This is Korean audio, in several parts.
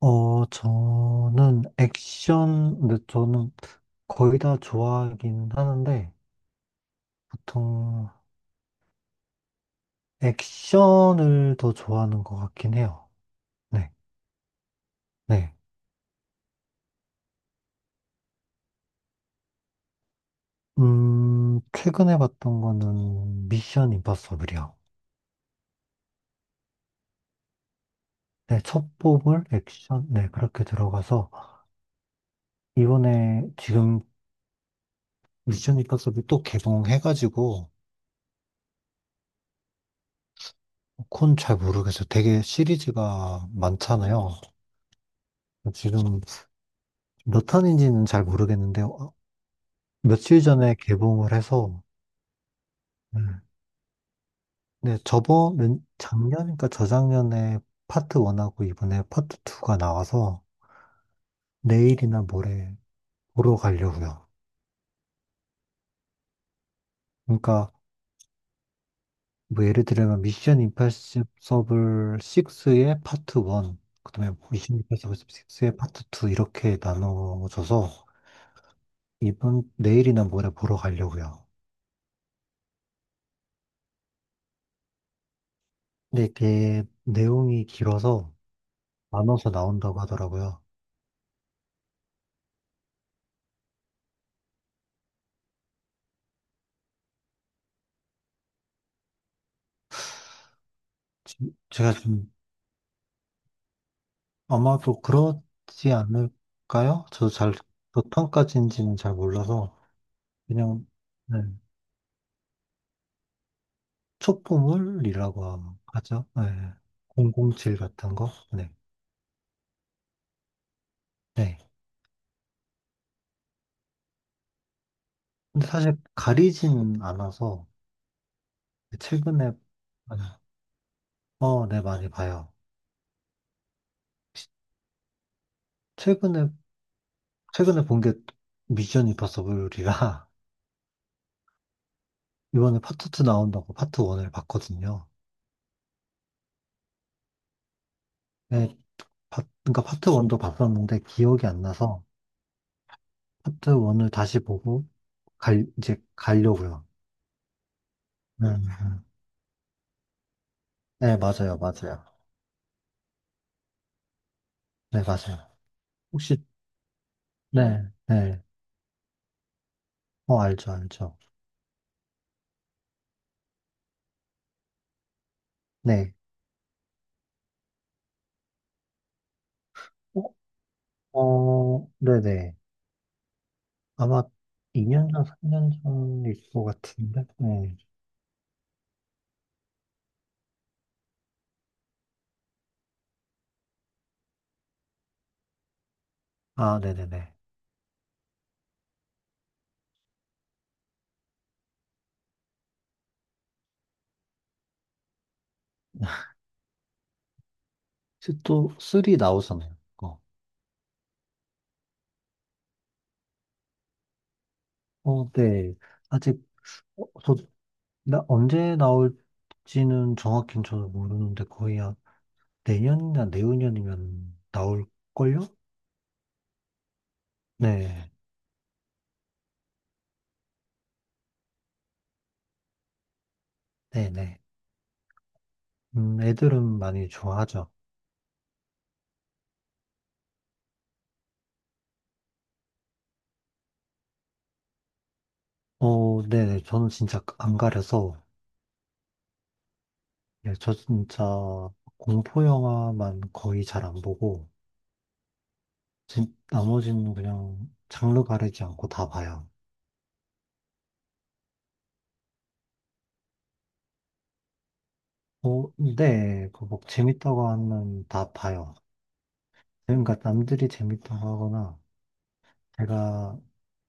저는 액션, 근데 저는 거의 다 좋아하긴 하는데, 보통 액션을 더 좋아하는 것 같긴 해요. 네, 네. 최근에 봤던 거는 미션 임파서블이요. 네, 첫 뽑을 액션, 네, 그렇게 들어가서, 이번에 지금 미션 임파서블 또 개봉해가지고, 그건 잘 모르겠어요. 되게 시리즈가 많잖아요. 지금 몇 탄인지는 잘 모르겠는데, 며칠 전에 개봉을 해서, 음, 네, 저번, 작년인가 저작년에 파트 1하고 이번에 파트 2가 나와서 내일이나 모레 보러 가려고요. 그러니까, 뭐 예를 들면 미션 임파서블 6의 파트 1, 그다음에 미션 임파서블 6의 파트 2 이렇게 나눠져서 이번, 내일이나 모레 보러 가려고요. 근데 이게 내용이 길어서 나눠서 나온다고 하더라고요. 지- 제가 지금 아마도 그렇지 않을까요? 저도 잘, 보통까지인지는 잘 몰라서, 그냥, 네, 촉보물이라고 하죠. 네, 007 같은 거. 네. 네. 근데 사실 가리진 않아서, 최근에, 어, 네, 많이 봐요. 최근에, 최근에 본 게 미션 임파서블이라, 이번에 파트 2 나온다고 파트 1을 봤거든요. 네, 그러니까 파트 1도 봤었는데 기억이 안 나서, 파트 1을 다시 보고 이제 가려고요. 네, 네, 맞아요, 맞아요. 네, 맞아요. 혹시, 네, 네. 어, 알죠, 알죠. 네. 어, 어, 네네. 아마 2년 전, 3년 전일 것 같은데. 네. 아, 네네네. 혹시 또 3 나오잖아요. 그거. 어, 네. 아직, 어, 저, 언제 나올지는 정확히는 저도 모르는데 거의 한 내년이나 내후년이면 나올걸요? 네. 네네. 애들은 많이 좋아하죠. 어, 네네. 저는 진짜 안 가려서, 예, 저 진짜 공포 영화만 거의 잘 안 보고, 나머지는 그냥 장르 가리지 않고 다 봐요. 어, 네. 그뭐 재밌다고 하면 다 봐요. 그러니까 남들이 재밌다고 하거나, 제가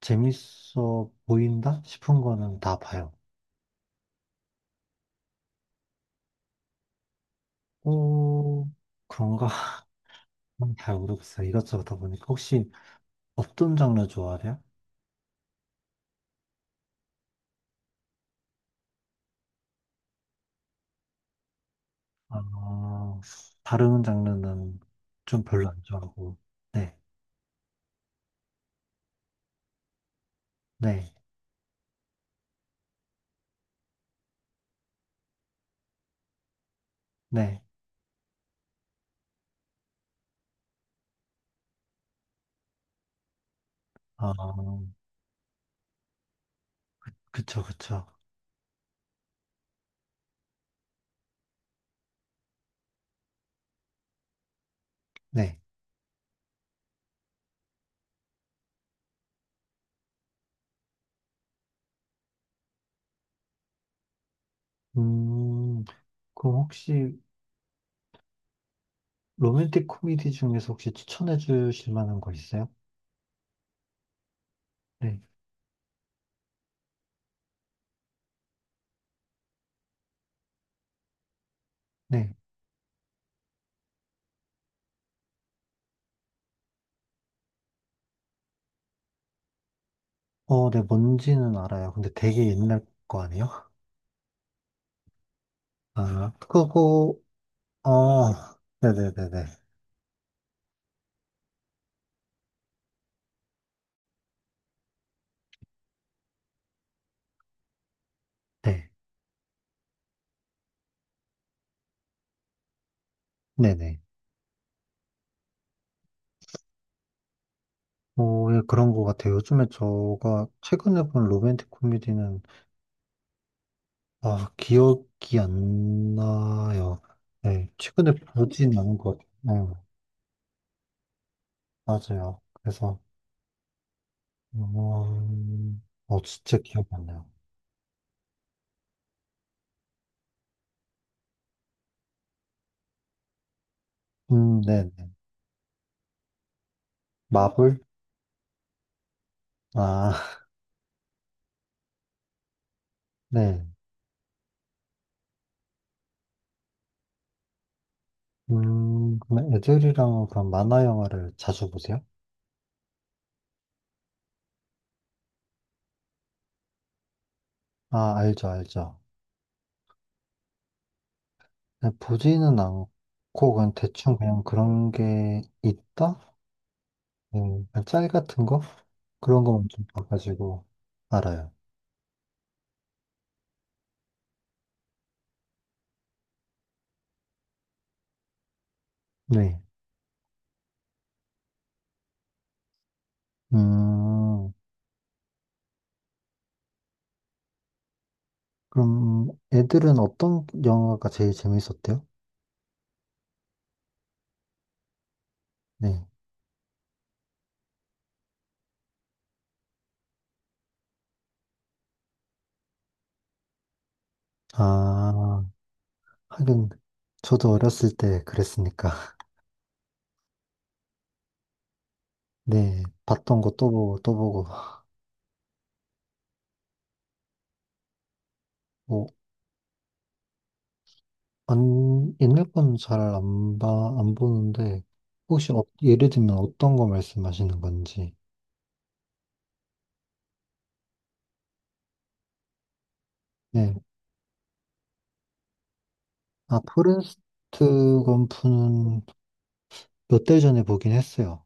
재밌어 보인다 싶은 거는 다 봐요. 어, 그런가? 잘 모르겠어요. 이것저것 다 보니까. 혹시 어떤 장르 좋아하세요? 어, 다른 장르는 좀 별로 안 좋아하고, 네, 네, 네, 어, 그쵸, 그쵸, 네. 음, 그럼 혹시 로맨틱 코미디 중에서 혹시 추천해 주실 만한 거 있어요? 네, 네. 어, 네, 뭔지는 알아요. 근데 되게 옛날 거 아니에요? 아, 그거, 어, 네네네네. 네, 네네. 어, 예, 그런 거 같아요. 요즘에 제가 최근에 본 로맨틱 코미디는 아, 기억이 안 나요. 네, 최근에 보진 않은 것 같아요. 네, 맞아요. 그래서, 음, 진짜 기억이 안 나요. 네네. 마블? 아, 네. 그럼 애들이랑 그런 만화 영화를 자주 보세요? 아, 알죠, 알죠. 네, 보지는 않고, 그냥 대충 그냥 그런 게 있다? 네, 그냥 짤 같은 거? 그런 거만 좀 봐가지고 알아요. 네. 음, 그럼 애들은 어떤 영화가 제일 재밌었대요? 네. 아, 하긴 저도 어렸을 때 그랬으니까. 네. 봤던 거 또 보고 또 보고. 뭐, 안, 옛날 건 잘 안 봐, 안 보는데 혹시 예를 들면 어떤 거 말씀하시는 건지. 네. 아, 포레스트 검프는 몇 달 전에 보긴 했어요.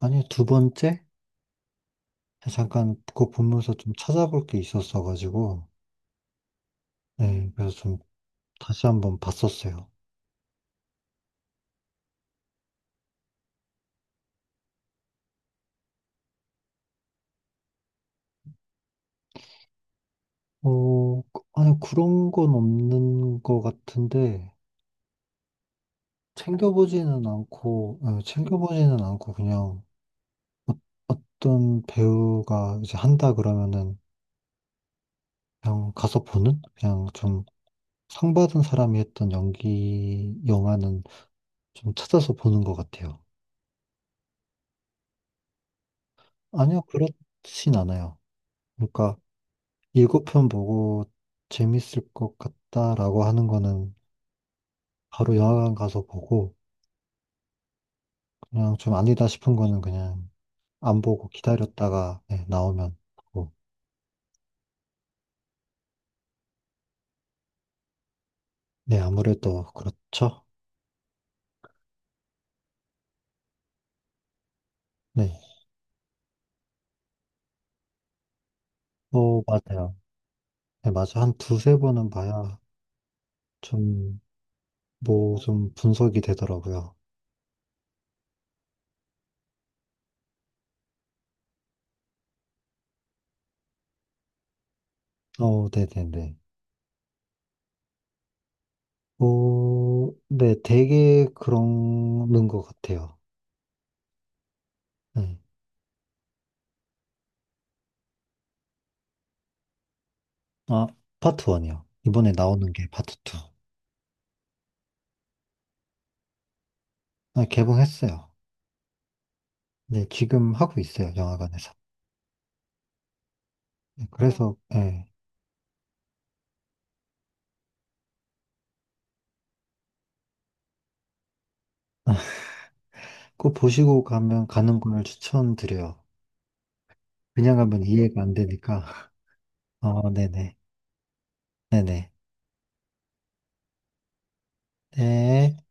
아니, 두 번째? 잠깐 그거 보면서 좀 찾아볼 게 있었어가지고. 네. 그래서 좀 다시 한번 봤었어요. 어, 아니, 그런 건 없는 것 같은데, 챙겨보지는 않고, 그냥 어떤 배우가 이제 한다 그러면은 그냥 가서 보는? 그냥 좀 상 받은 사람이 했던 연기 영화는 좀 찾아서 보는 것 같아요. 아니요, 그렇진 않아요. 그러니까 7편 보고 재밌을 것 같다라고 하는 거는 바로 영화관 가서 보고, 그냥 좀 아니다 싶은 거는 그냥 안 보고 기다렸다가 네, 나오면 보고. 네, 아무래도 그렇죠. 네, 어, 맞아요. 네, 맞아요. 한 두세 번은 봐야 좀, 뭐, 좀 분석이 되더라고요. 어, 네네네. 어, 네, 되게 그러는 것 같아요. 네. 아, 파트 1이요. 이번에 나오는 게 파트 2. 아, 개봉했어요. 네, 지금 하고 있어요, 영화관에서. 네, 네. 그래서, 예, 꼭 보시고 가면 가는 걸 추천드려요. 그냥 가면 이해가 안 되니까. 어, 네네. 네네. 네.